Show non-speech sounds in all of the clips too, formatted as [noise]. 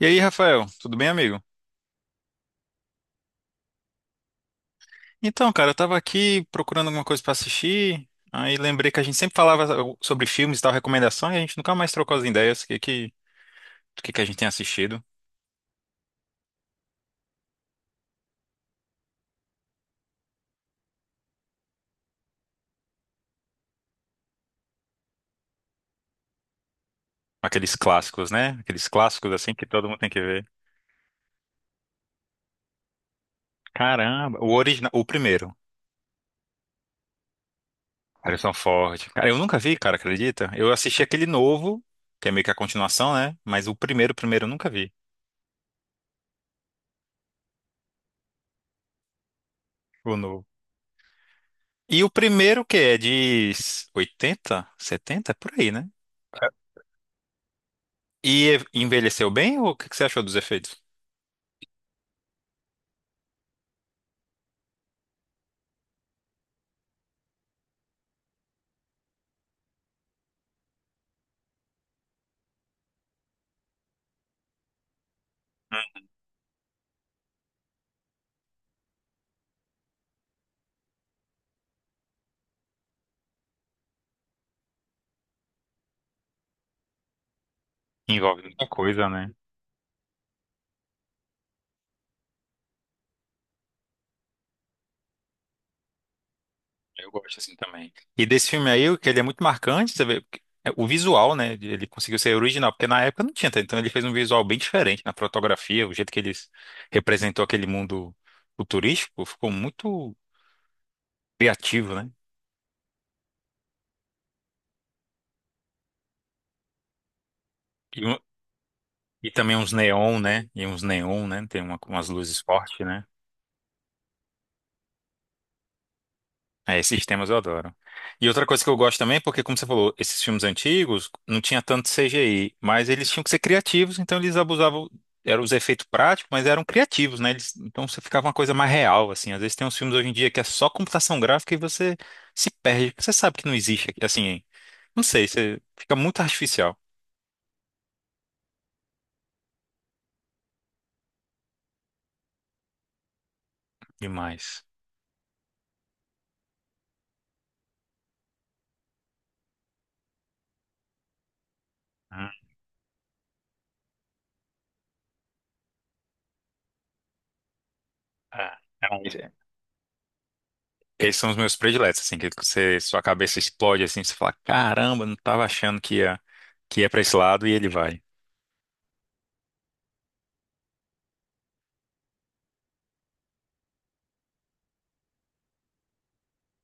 E aí, Rafael, tudo bem, amigo? Então, cara, eu tava aqui procurando alguma coisa pra assistir, aí lembrei que a gente sempre falava sobre filmes e tal, recomendação, e a gente nunca mais trocou as ideias do que a gente tem assistido. Aqueles clássicos, né? Aqueles clássicos assim que todo mundo tem que ver. Caramba, o original, o primeiro, Harrison Ford. Cara, eu nunca vi, cara, acredita? Eu assisti aquele novo, que é meio que a continuação, né? Mas o primeiro eu nunca vi, o novo. E o primeiro que é de 80, 70, por aí, né? E envelheceu bem ou o que que você achou dos efeitos? Envolve muita coisa, né? Eu gosto assim também. E desse filme aí, o que ele é muito marcante, você vê, porque é o visual, né? Ele conseguiu ser original, porque na época não tinha, tá? Então ele fez um visual bem diferente na fotografia, o jeito que ele representou aquele mundo futurístico, ficou muito criativo, né? E, um- e também uns neon, né? E uns neon, né? Umas luzes fortes, né? É, esses temas eu adoro. E outra coisa que eu gosto também, porque como você falou, esses filmes antigos não tinha tanto CGI, mas eles tinham que ser criativos, então eles abusavam, eram os efeitos práticos, mas eram criativos, né? Então você ficava uma coisa mais real, assim. Às vezes tem uns filmes hoje em dia que é só computação gráfica e você se perde, porque você sabe que não existe, aqui, assim, não sei, você fica muito artificial demais. Hum, é. É um- Esses são os meus prediletos, assim, que você, sua cabeça explode, assim, você fala, caramba, não tava achando que ia pra esse lado e ele vai.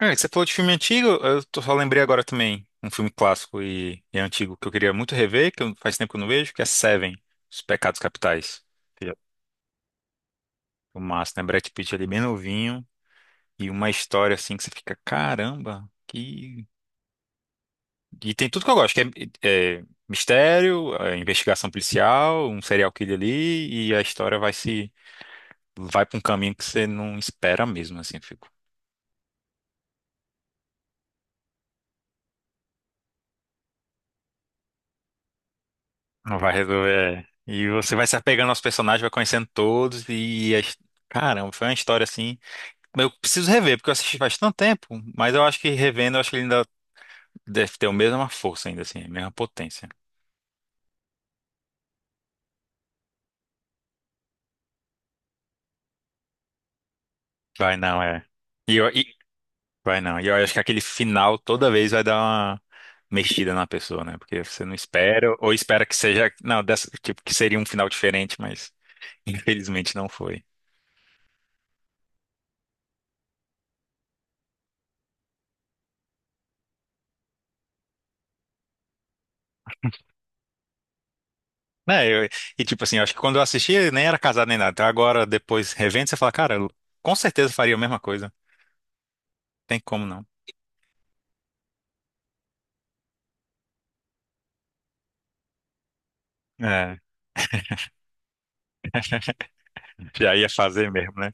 É, você falou de filme antigo, só lembrei agora também um filme clássico e antigo que eu queria muito rever, faz tempo que eu não vejo, que é Seven, Os Pecados Capitais. Que é o massa, né? Brad Pitt ali bem novinho e uma história assim que você fica, caramba, que... E tem tudo que eu gosto, é mistério, é investigação policial, um serial killer ali e a história vai se... vai pra um caminho que você não espera mesmo, assim. Não vai resolver. É. E você vai se apegando aos personagens, vai conhecendo todos Caramba, foi uma história assim... Eu preciso rever, porque eu assisti faz tanto tempo, mas eu acho que revendo, eu acho que ele ainda deve ter a mesma força ainda, assim, a mesma potência. Vai não, é. E, eu- e... Vai não. E eu acho que aquele final toda vez vai dar uma mexida na pessoa, né? Porque você não espera, ou espera que seja... Não, dessa... tipo, que seria um final diferente, mas infelizmente não foi. Né, eu- e tipo assim, eu acho que quando eu assisti, ele nem era casado nem nada. Então agora, depois, revendo, você fala, cara, eu com certeza faria a mesma coisa. Tem como não. É, já ia fazer mesmo, né?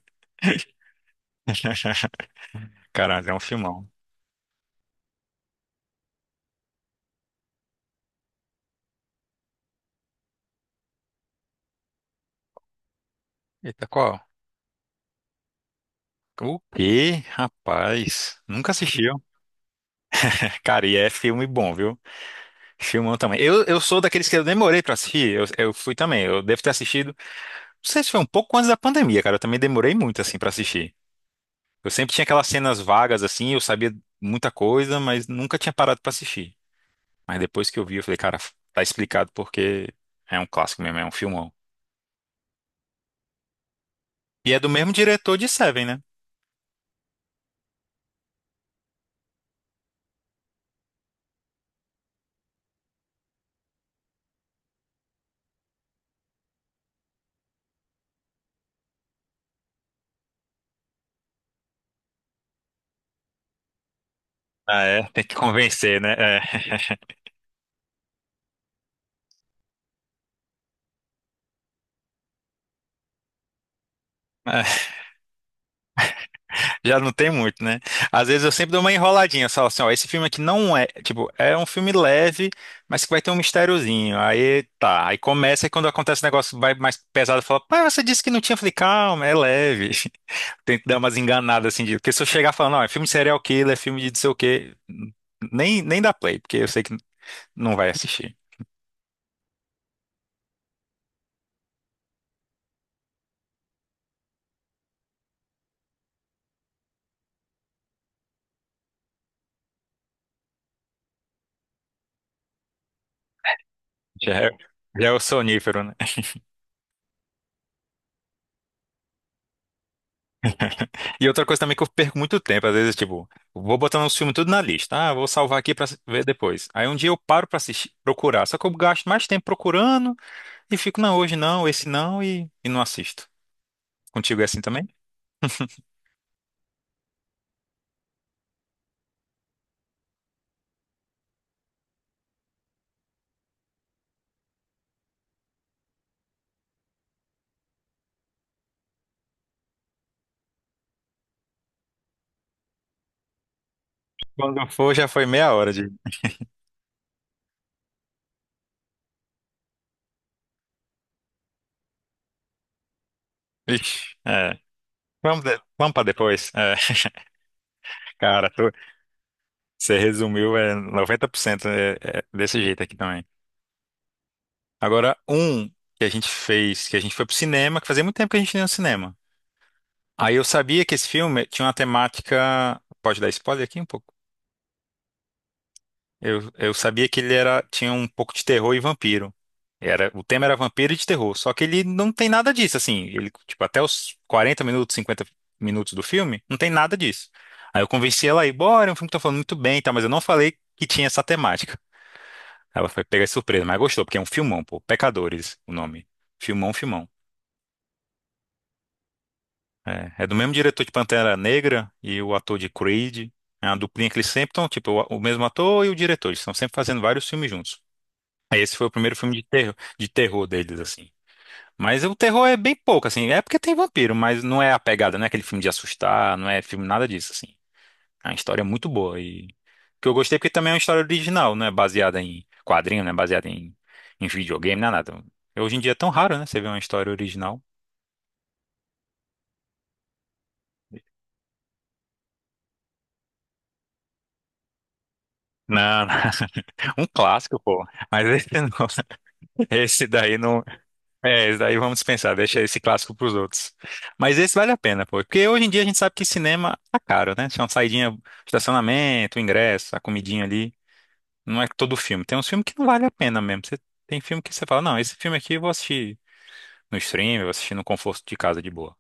[laughs] Caralho, é um filmão. Eita, qual? O quê? Rapaz, nunca assistiu. Cara, e é filme bom, viu? Filmão também. Eu sou daqueles que eu demorei pra assistir. Eu fui também. Eu devo ter assistido. Não sei se foi um pouco antes da pandemia, cara. Eu também demorei muito, assim, pra assistir. Eu sempre tinha aquelas cenas vagas assim, eu sabia muita coisa, mas nunca tinha parado pra assistir. Mas depois que eu vi, eu falei, cara, tá explicado porque é um clássico mesmo, é um filmão. E é do mesmo diretor de Seven, né? Ah, é? Tem que convencer, né? É. [laughs] Já não tem muito, né? Às vezes eu sempre dou uma enroladinha, só assim, ó, esse filme aqui não é, tipo, é um filme leve, mas que vai ter um mistériozinho. Aí tá, aí começa e quando acontece o negócio vai mais pesado, fala, pai, você disse que não tinha. Eu falei, calma, é leve. [laughs] Tento dar umas enganadas assim, de, porque se eu chegar falando, não, é filme de serial killer, é filme de não sei o quê, nem dá play, porque eu sei que não vai assistir. Já é, já é o sonífero, né? E outra coisa também que eu perco muito tempo, às vezes, tipo, vou botando os filmes tudo na lista. Ah, vou salvar aqui pra ver depois. Aí um dia eu paro pra assistir, procurar. Só que eu gasto mais tempo procurando e fico, não, hoje não, esse não, e não assisto. Contigo é assim também? Quando for, já foi meia hora de. [laughs] Ixi, é. Vamos pra depois. É. [laughs] Cara, você resumiu, é 90% é, é desse jeito aqui também. Agora, um que a gente fez, que a gente foi pro cinema, que fazia muito tempo que a gente não ia no cinema. Aí eu sabia que esse filme tinha uma temática. Pode dar spoiler aqui um pouco? Eu sabia que ele era, tinha um pouco de terror e vampiro. Era, o tema era vampiro e de terror. Só que ele não tem nada disso, assim. Ele, tipo, até os 40 minutos, 50 minutos do filme, não tem nada disso. Aí eu convenci ela a ir, bora, é um filme que tá falando muito bem, tá? Mas eu não falei que tinha essa temática. Ela foi pegar de surpresa, mas gostou, porque é um filmão, pô. Pecadores, o nome. Filmão, filmão. É, é do mesmo diretor de Pantera Negra e o ator de Creed. É uma duplinha que eles sempre estão, tipo, o mesmo ator e o diretor. Eles estão sempre fazendo vários filmes juntos. Aí esse foi o primeiro filme de terror deles, assim. Mas o terror é bem pouco, assim. É porque tem vampiro, mas não é a pegada, não é aquele filme de assustar, não é filme nada disso, assim. É uma história muito boa. E que eu gostei é porque também é uma história original, não é baseada em quadrinho, não é baseada em videogame, não é nada. Hoje em dia é tão raro, né? Você vê uma história original. Não, [laughs] um clássico, pô. Mas esse [laughs] não. Esse daí não. É, esse daí vamos dispensar, deixa esse clássico pros outros. Mas esse vale a pena, pô. Porque hoje em dia a gente sabe que cinema tá caro, né? Se é uma saidinha, estacionamento, ingresso, a comidinha ali. Não é todo filme. Tem uns filmes que não vale a pena mesmo. Tem filme que você fala, não, esse filme aqui eu vou assistir no stream, eu vou assistir no conforto de casa de boa.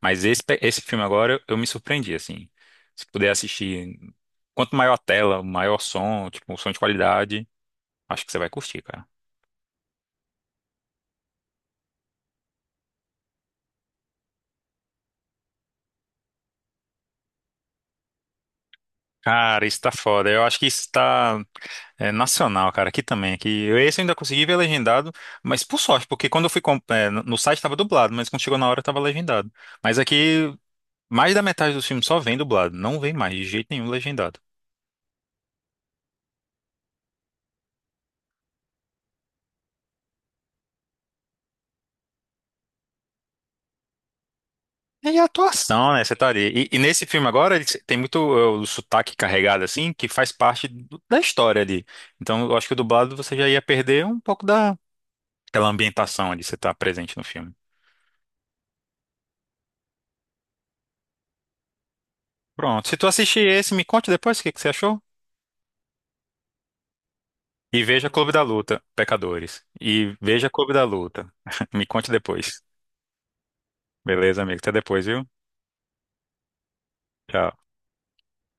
Mas esse, esse filme agora eu me surpreendi, assim. Se puder assistir, quanto maior a tela, maior som, tipo, um som de qualidade, acho que você vai curtir, cara. Cara, isso tá foda. Eu acho que isso tá. É nacional, cara, aqui também. Esse eu ainda consegui ver legendado, mas por sorte, porque quando eu fui no site estava dublado, mas quando chegou na hora estava legendado. Mas aqui, mais da metade dos filmes só vem dublado, não vem mais de jeito nenhum legendado. E a atuação, né? Você tá ali. E nesse filme agora, ele tem muito é, o sotaque carregado, assim, que faz parte da história ali. Então, eu acho que o dublado você já ia perder um pouco daquela ambientação ali, você tá presente no filme. Pronto. Se tu assistir esse, me conte depois o que que você achou. E veja Clube da Luta, pecadores. E veja Clube da Luta. [laughs] Me conte depois. Beleza, amigo? Até depois, viu? Tchau.